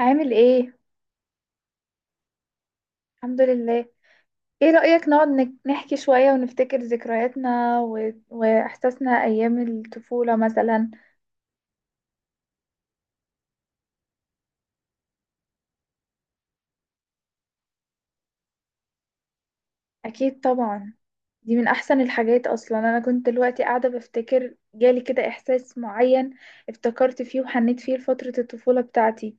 عامل ايه؟ الحمد لله. ايه رأيك نقعد نحكي شوية ونفتكر ذكرياتنا واحساسنا ايام الطفولة مثلا؟ اكيد طبعا. دي من احسن الحاجات اصلا. انا كنت دلوقتي قاعدة بفتكر، جالي كده احساس معين، افتكرت فيه وحنيت فيه لفترة الطفولة بتاعتي.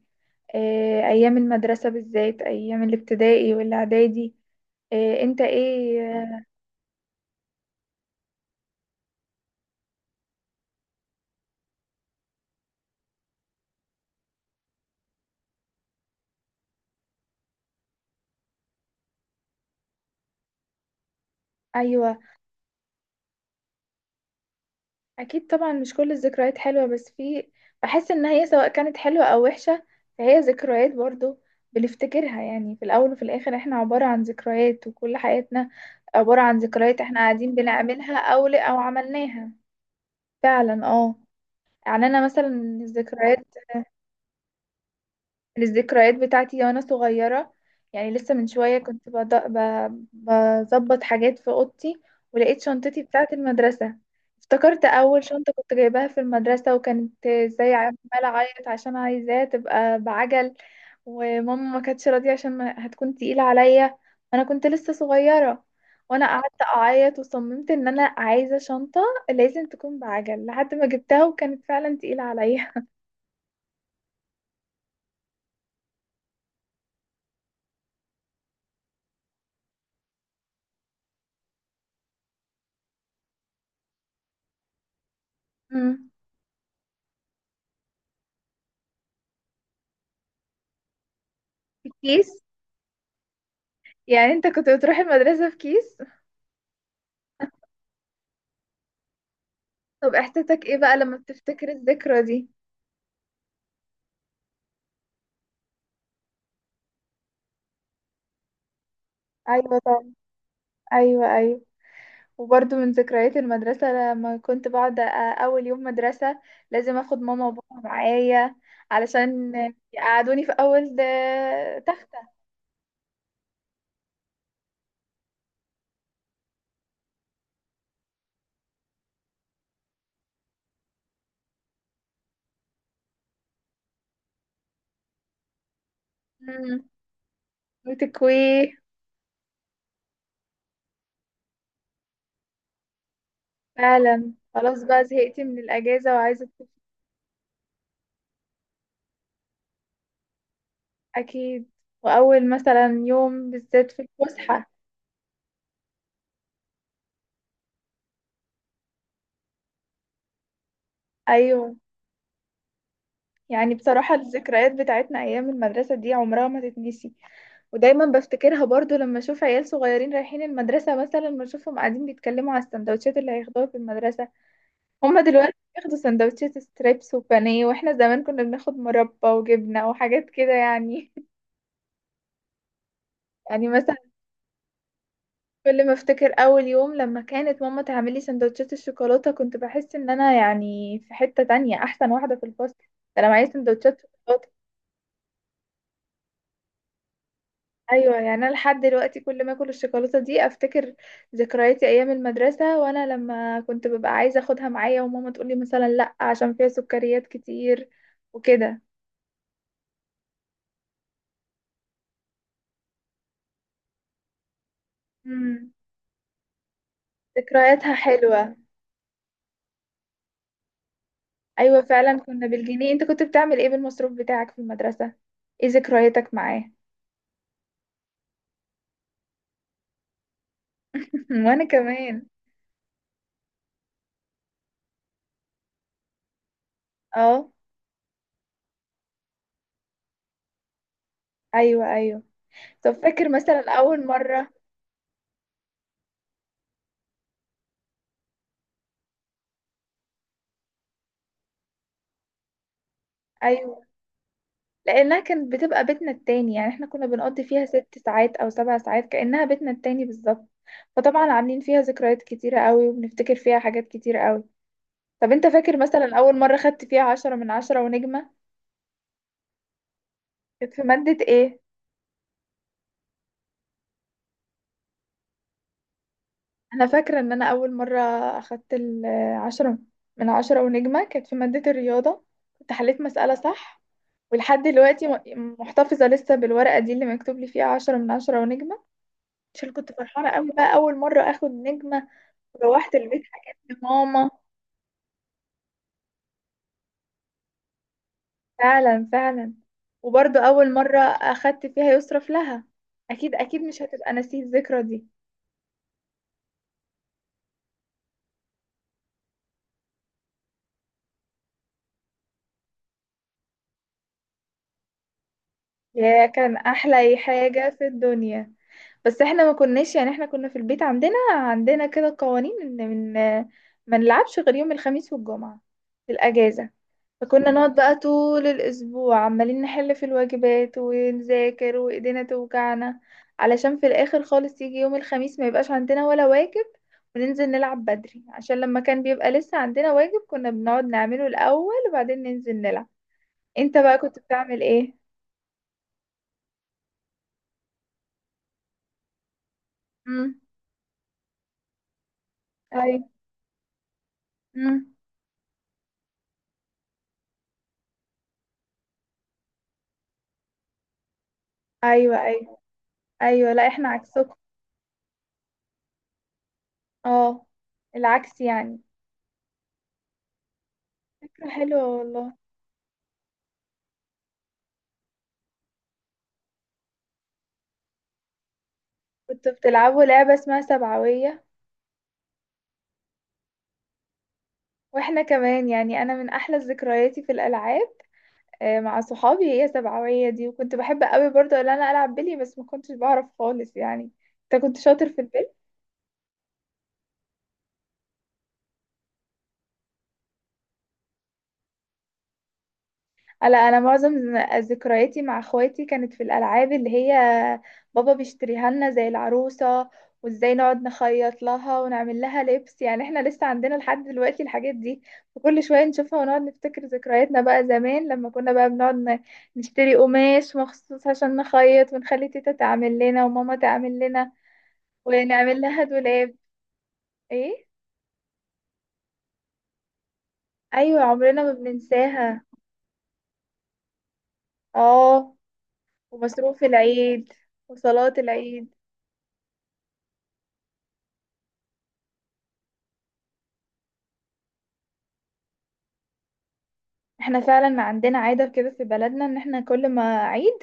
إيه ايام المدرسة بالذات، ايام الابتدائي والاعدادي. إيه انت ايه؟ ايوه. اكيد طبعا، مش كل الذكريات حلوه بس في. بحس ان هي سواء كانت حلوه او وحشه فهي ذكريات برضو بنفتكرها. يعني في الاول وفي الاخر احنا عباره عن ذكريات، وكل حياتنا عباره عن ذكريات احنا قاعدين بنعملها او او عملناها. فعلا، اه. يعني انا مثلا الذكريات، للذكريات بتاعتي وانا صغيرة، يعني لسه من شوية كنت بظبط حاجات في اوضتي، ولقيت شنطتي بتاعت المدرسة. افتكرت اول شنطة كنت جايباها في المدرسة، وكانت زي عمالة اعيط عشان عايزاها تبقى بعجل، وماما ما كانتش راضية عشان هتكون تقيلة عليا وانا كنت لسه صغيرة. وانا قعدت اعيط وصممت ان انا عايزة شنطة لازم تكون بعجل، لحد ما جبتها وكانت فعلا تقيلة عليا. مم. الكيس، يعني انت كنت بتروح المدرسة في كيس؟ طب احساسك ايه بقى لما بتفتكر الذكرى دي؟ ايوه طبعا. ايوه، ايوه. وبرضه من ذكريات المدرسة لما كنت بقعد اول يوم مدرسة لازم اخد ماما وبابا معايا، علشان يقعدوني في اول تختة. مم. وتكويه. فعلا، خلاص بقى زهقت من الاجازة وعايزة اكيد. واول مثلا يوم بالذات في الفسحة. ايوه. يعني بصراحة الذكريات بتاعتنا أيام المدرسة دي عمرها ما تتنسي. ودايما بفتكرها برضو لما اشوف عيال صغيرين رايحين المدرسة، مثلا بشوفهم قاعدين بيتكلموا على السندوتشات اللي هياخدوها في المدرسة. هما دلوقتي بياخدوا سندوتشات ستريبس وبانيه، واحنا زمان كنا بناخد مربى وجبنة وحاجات كده يعني. يعني مثلا كل ما افتكر اول يوم لما كانت ماما تعمل لي سندوتشات الشوكولاتة كنت بحس ان انا يعني في حتة تانية، احسن واحدة في الفصل، ده انا معايا سندوتشات شوكولاتة. ايوه، يعني انا لحد دلوقتي كل ما اكل الشوكولاته دي افتكر ذكرياتي ايام المدرسه، وانا لما كنت ببقى عايزه اخدها معايا وماما تقولي مثلا لا عشان فيها سكريات كتير وكده. امم ذكرياتها حلوه. ايوه فعلا، كنا بالجنيه. انت كنت بتعمل ايه بالمصروف بتاعك في المدرسه؟ ايه ذكرياتك معاه؟ وانا كمان. اه. ايوه، ايوه. طب فاكر مثلا اول مره؟ أيوة. لانها كانت بتبقى بيتنا التاني، يعني احنا كنا بنقضي فيها 6 ساعات او 7 ساعات كانها بيتنا التاني بالظبط. فطبعا عاملين فيها ذكريات كتيره قوي وبنفتكر فيها حاجات كتيره قوي. طب انت فاكر مثلا اول مره خدت فيها 10 من 10 ونجمه؟ كانت في ماده ايه؟ انا فاكره ان انا اول مره اخدت ال10 من 10 ونجمه كانت في ماده الرياضه، كنت حليت مساله صح. ولحد دلوقتي محتفظه لسه بالورقه دي اللي مكتوب لي فيها 10 من 10 ونجمه، عشان كنت فرحانه قوي بقى اول مره اخد نجمه. روحت البيت حكيت لماما. فعلا، فعلا. وبرضه أول مرة أخدت فيها يصرف لها. أكيد، أكيد مش هتبقى نسيت الذكرى دي. يا، كان أحلى حاجة في الدنيا. بس احنا ما كناش يعني، احنا كنا في البيت عندنا كده قوانين ان من ما نلعبش غير يوم الخميس والجمعة في الأجازة. فكنا نقعد بقى طول الأسبوع عمالين نحل في الواجبات ونذاكر وإيدينا توجعنا، علشان في الآخر خالص يجي يوم الخميس ما يبقاش عندنا ولا واجب وننزل نلعب بدري. عشان لما كان بيبقى لسه عندنا واجب كنا بنقعد نعمله الأول وبعدين ننزل نلعب. انت بقى كنت بتعمل ايه؟ امم. ايوه. امم. ايوه، ايوه، ايوه. لا، احنا عكسكم. اه. العكس يعني. فكرة حلوة والله. كنت بتلعبوا لعبة اسمها سبعوية؟ واحنا كمان، يعني انا من احلى ذكرياتي في الالعاب، مع صحابي هي سبعوية دي. وكنت بحب قوي برضه ان انا العب بلي بس ما كنتش بعرف خالص يعني. انت كنت شاطر في البلي؟ لا، انا معظم ذكرياتي مع اخواتي كانت في الالعاب اللي هي بابا بيشتريها لنا زي العروسه، وازاي نقعد نخيط لها ونعمل لها لبس. يعني احنا لسه عندنا لحد دلوقتي الحاجات دي، وكل شويه نشوفها ونقعد نفتكر ذكرياتنا بقى زمان لما كنا بقى بنقعد نشتري قماش مخصوص عشان نخيط ونخلي تيتا تعمل لنا وماما تعمل لنا ونعمل لها دولاب. ايه. ايوه، عمرنا ما بننساها. اه. ومصروف العيد وصلاه العيد. احنا فعلا عندنا عادة كده في بلدنا، ان احنا كل ما عيد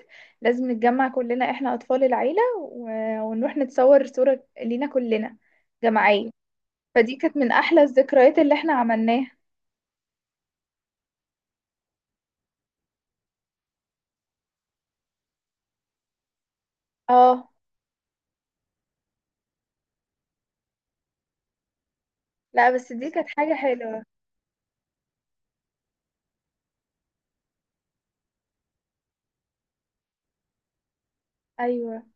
لازم نتجمع كلنا، احنا اطفال العيلة ونروح نتصور صورة لينا كلنا جماعية. فدي كانت من احلى الذكريات اللي احنا عملناها. اه. لا بس دي كانت حاجة حلوة. ايوه.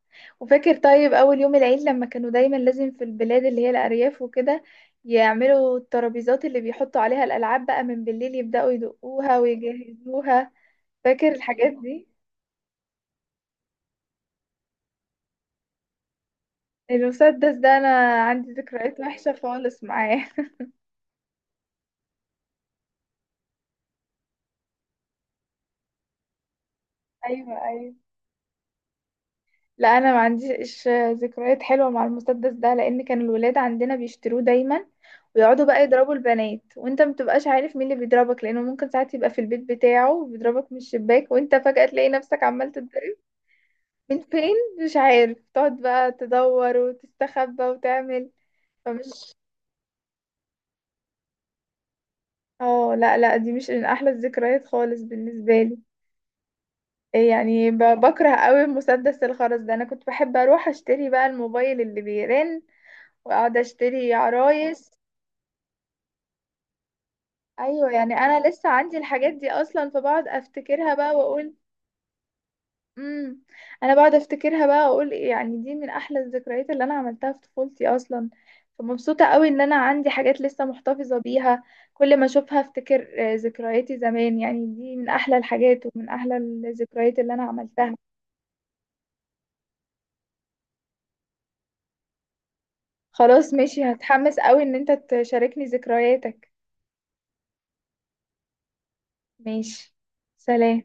وفاكر طيب اول يوم العيد لما كانوا دايما لازم في البلاد اللي هي الارياف وكده يعملوا الترابيزات اللي بيحطوا عليها الالعاب بقى من بالليل يبدأوا يدقوها ويجهزوها؟ فاكر الحاجات دي؟ المسدس ده انا عندي ذكريات وحشه خالص معاه. ايوه، ايوه. لا، انا ما عنديش ذكريات حلوه مع المسدس ده، لان كان الولاد عندنا بيشتروه دايما ويقعدوا بقى يضربوا البنات، وانت ما بتبقاش عارف مين اللي بيضربك، لانه ممكن ساعات يبقى في البيت بتاعه بيضربك من الشباك، وانت فجأة تلاقي نفسك عمال تتضرب. من فين؟ مش عارف، تقعد بقى تدور وتستخبى وتعمل. فمش، اه، لا لا، دي مش من احلى الذكريات خالص بالنسبه لي. يعني بكره قوي مسدس الخرز ده. انا كنت بحب اروح اشتري بقى الموبايل اللي بيرن واقعد اشتري عرايس. ايوه يعني انا لسه عندي الحاجات دي اصلا، فبقعد افتكرها بقى واقول امم انا بقعد افتكرها بقى واقول إيه، يعني دي من احلى الذكريات اللي انا عملتها في طفولتي اصلا. فمبسوطة قوي ان انا عندي حاجات لسه محتفظة بيها، كل ما اشوفها افتكر ذكرياتي زمان. يعني دي من احلى الحاجات ومن احلى الذكريات اللي انا عملتها. خلاص ماشي، هتحمس قوي ان انت تشاركني ذكرياتك. ماشي. سلام.